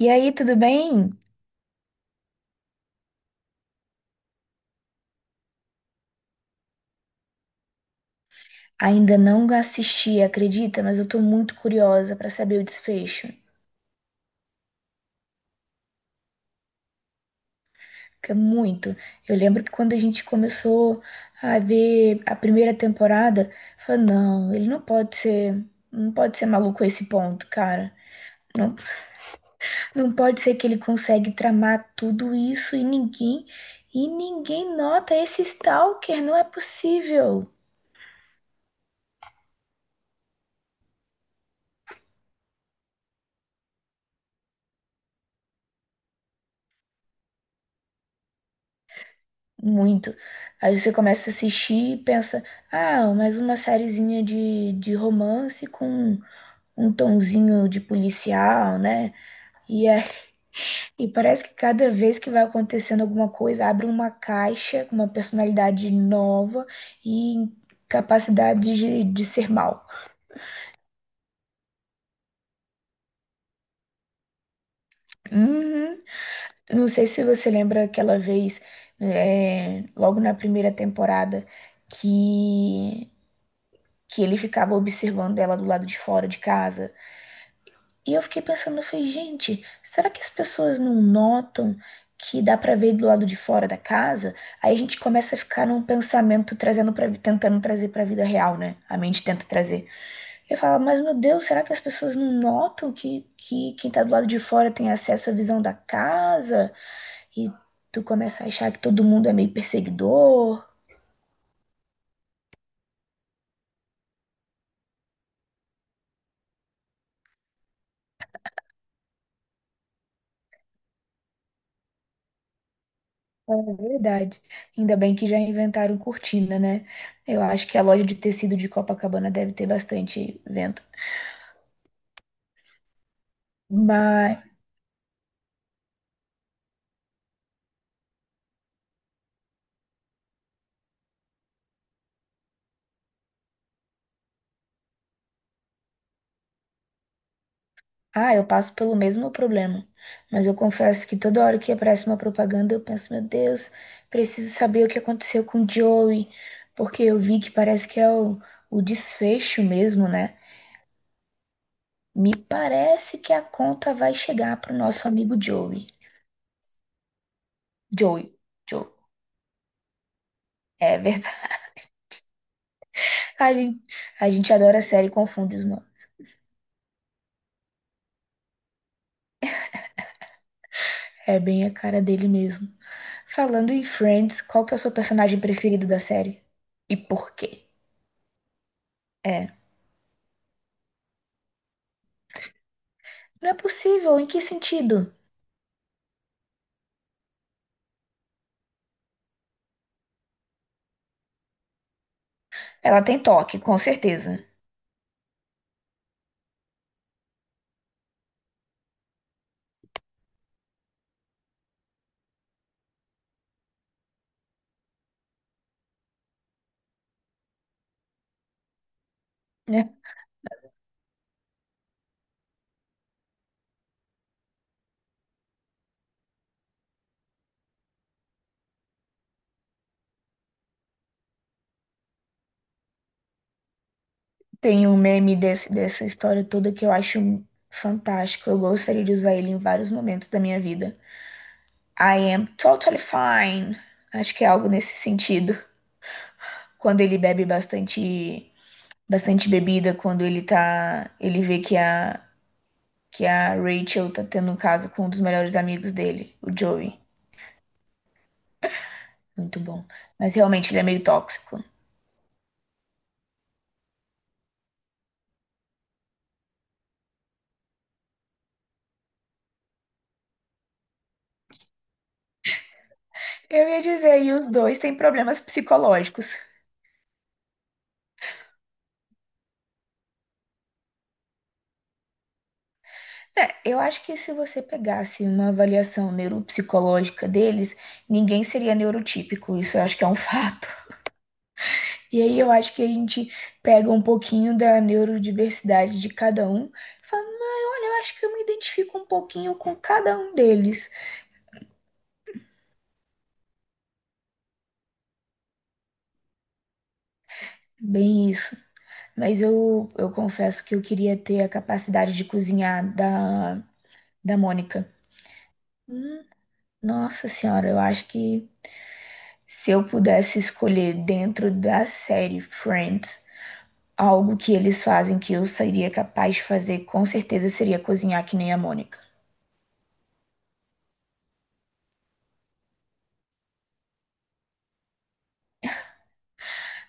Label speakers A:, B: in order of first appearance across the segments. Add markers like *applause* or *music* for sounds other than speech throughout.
A: E aí, tudo bem? Ainda não assisti, acredita? Mas eu tô muito curiosa pra saber o desfecho. Que é muito. Eu lembro que quando a gente começou a ver a primeira temporada, eu falei, não, ele não pode ser, não pode ser maluco a esse ponto, cara. Não, não pode ser que ele consegue tramar tudo isso e ninguém nota esse stalker, não é possível. Muito. Aí você começa a assistir e pensa, ah, mais uma sériezinha de romance com um tonzinho de policial, né? E, é, e parece que cada vez que vai acontecendo alguma coisa, abre uma caixa com uma personalidade nova e capacidade de ser mal. Uhum. Não sei se você lembra aquela vez, logo na primeira temporada, que, que ele ficava observando ela do lado de fora de casa. E eu fiquei pensando, eu falei, gente, será que as pessoas não notam que dá pra ver do lado de fora da casa? Aí a gente começa a ficar num pensamento trazendo para tentando trazer pra vida real, né? A mente tenta trazer. Eu falo, mas meu Deus, será que as pessoas não notam que quem tá do lado de fora tem acesso à visão da casa? E tu começa a achar que todo mundo é meio perseguidor. É verdade. Ainda bem que já inventaram cortina, né? Eu acho que a loja de tecido de Copacabana deve ter bastante vento. Mas, ah, eu passo pelo mesmo problema. Mas eu confesso que toda hora que aparece uma propaganda, eu penso, meu Deus, preciso saber o que aconteceu com o Joey, porque eu vi que parece que é o desfecho mesmo, né? Me parece que a conta vai chegar pro nosso amigo Joey. Joey, Joey. É verdade. *laughs* A gente, a gente adora a série e confunde os nomes. É bem a cara dele mesmo. Falando em Friends, qual que é o seu personagem preferido da série? E por quê? É. Não é possível, em que sentido? Ela tem toque, com certeza, né? Tem um meme desse, dessa história toda que eu acho fantástico. Eu gostaria de usar ele em vários momentos da minha vida. I am totally fine. Acho que é algo nesse sentido. Quando ele bebe bastante, bastante bebida, quando ele tá, ele vê que a Rachel tá tendo um caso com um dos melhores amigos dele, o Joey. Muito bom. Mas realmente ele é meio tóxico. Eu ia dizer, e os dois têm problemas psicológicos. É, eu acho que se você pegasse uma avaliação neuropsicológica deles, ninguém seria neurotípico, isso eu acho que é um *laughs* fato. E aí eu acho que a gente pega um pouquinho da neurodiversidade de cada um e fala, "Não, olha, eu acho que eu me identifico um pouquinho com cada um deles." Bem isso. Mas eu confesso que eu queria ter a capacidade de cozinhar da Mônica. Hum, nossa senhora, eu acho que se eu pudesse escolher dentro da série Friends, algo que eles fazem que eu seria capaz de fazer, com certeza, seria cozinhar que nem a Mônica.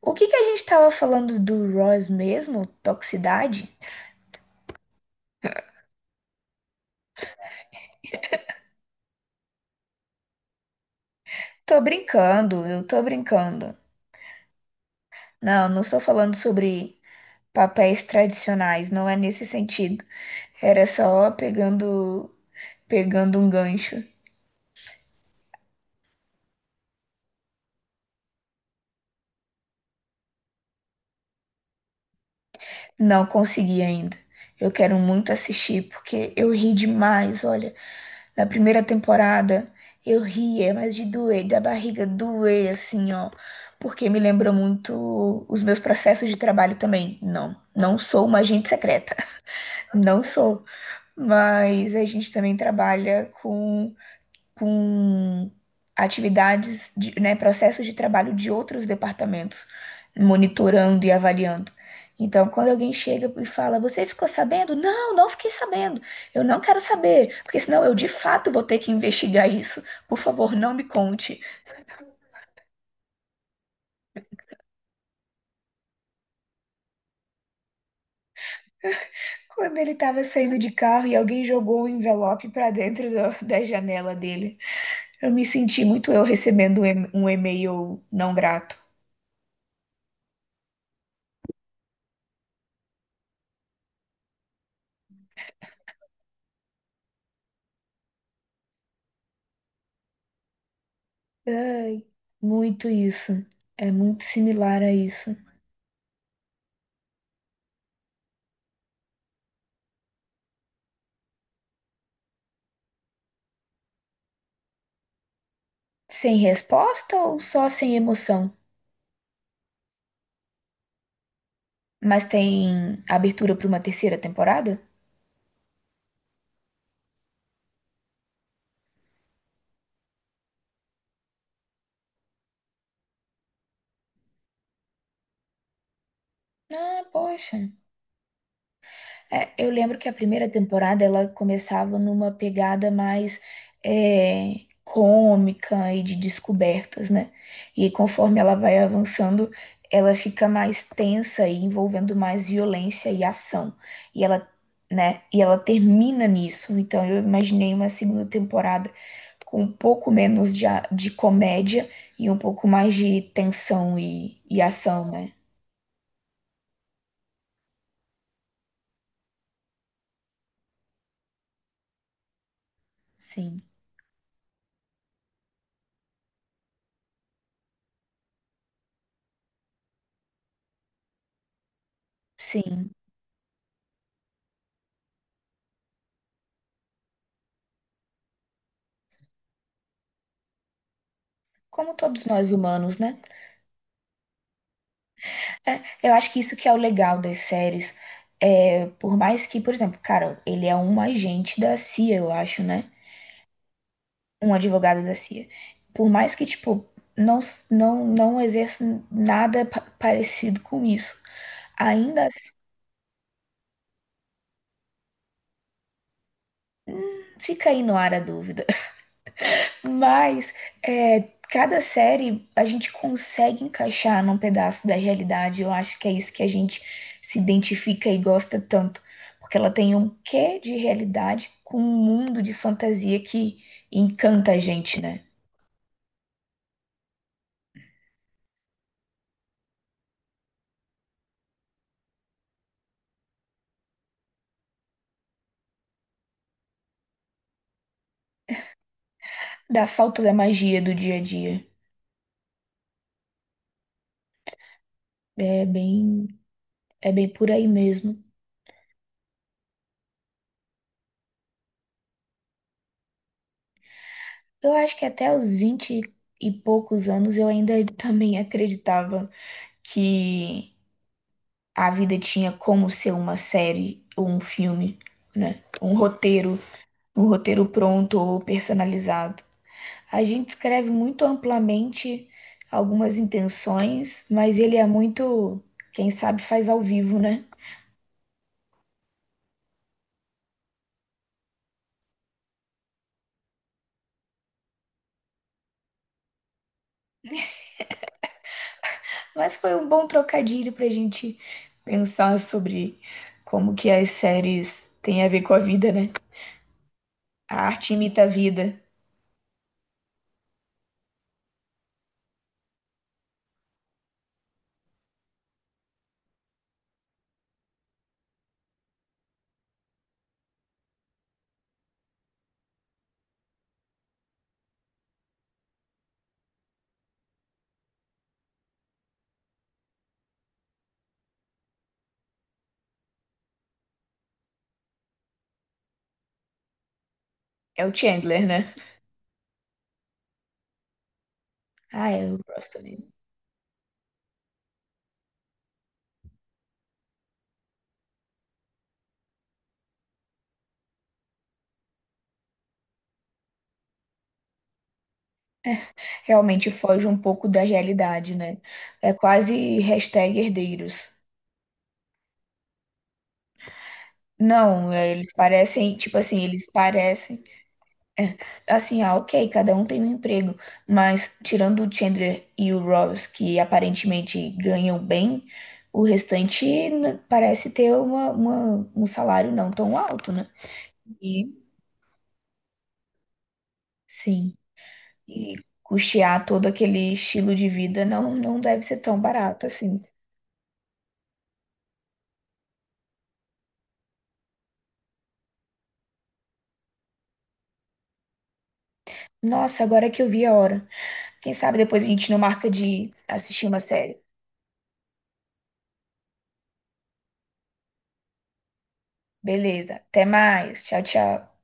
A: O que que a gente estava falando do Ross mesmo? Toxicidade? Tô brincando, eu tô brincando. Não, não estou falando sobre papéis tradicionais, não é nesse sentido. Era só pegando, pegando um gancho. Não consegui ainda. Eu quero muito assistir porque eu ri demais, olha. Na primeira temporada, eu ria, mas de doer, da barriga doer, assim, ó. Porque me lembra muito os meus processos de trabalho também. Não, não sou uma agente secreta. *laughs* Não sou. Mas a gente também trabalha com atividades, de, né, processos de trabalho de outros departamentos, monitorando e avaliando. Então, quando alguém chega e fala, você ficou sabendo? Não, não fiquei sabendo. Eu não quero saber, porque senão eu de fato vou ter que investigar isso. Por favor, não me conte. Quando ele estava saindo de carro e alguém jogou um envelope para dentro do- *laughs* da janela dele, eu me senti muito eu recebendo um e- um e-mail não grato. Ai, muito isso. É muito similar a isso. Sem resposta ou só sem emoção? Mas tem abertura para uma terceira temporada? Ah, poxa. É, eu lembro que a primeira temporada ela começava numa pegada mais cômica e de descobertas, né? E conforme ela vai avançando, ela fica mais tensa e envolvendo mais violência e ação. E ela, né? E ela termina nisso. Então eu imaginei uma segunda temporada com um pouco menos de, a- de comédia e um pouco mais de tensão e ação, né? Sim, sim. Como todos nós humanos, né? É, eu acho que isso que é o legal das séries. É, por mais que, por exemplo, cara, ele é um agente da CIA, eu acho, né? Um advogado da CIA. Por mais que, tipo, não, s- não, não exerça nada pa- parecido com isso, ainda assim, fica aí no ar a dúvida. Mas é, cada série a gente consegue encaixar num pedaço da realidade. Eu acho que é isso que a gente se identifica e gosta tanto. Porque ela tem um quê de realidade com um mundo de fantasia que encanta a gente, né? Da falta da magia do dia a dia. É bem, é bem por aí mesmo. Eu acho que até os 20 e poucos anos eu ainda *laughs* também acreditava que a vida tinha como ser uma série ou um filme, né? Um roteiro pronto ou personalizado. A gente escreve muito amplamente algumas intenções, mas ele é muito, quem sabe faz ao vivo, né? Mas foi um bom trocadilho pra gente pensar sobre como que as séries têm a ver com a vida, né? A arte imita a vida. É o Chandler, né? Ah, eu gosto mesmo. Realmente foge um pouco da realidade, né? É quase hashtag herdeiros. Não, é, eles parecem, tipo assim, eles parecem. É, assim, ah, ok, cada um tem um emprego, mas tirando o Chandler e o Ross, que aparentemente ganham bem, o restante n- parece ter um salário não tão alto, né? E sim, e custear todo aquele estilo de vida não, não deve ser tão barato assim. Nossa, agora que eu vi a hora. Quem sabe depois a gente não marca de assistir uma série. Beleza, até mais. Tchau, tchau.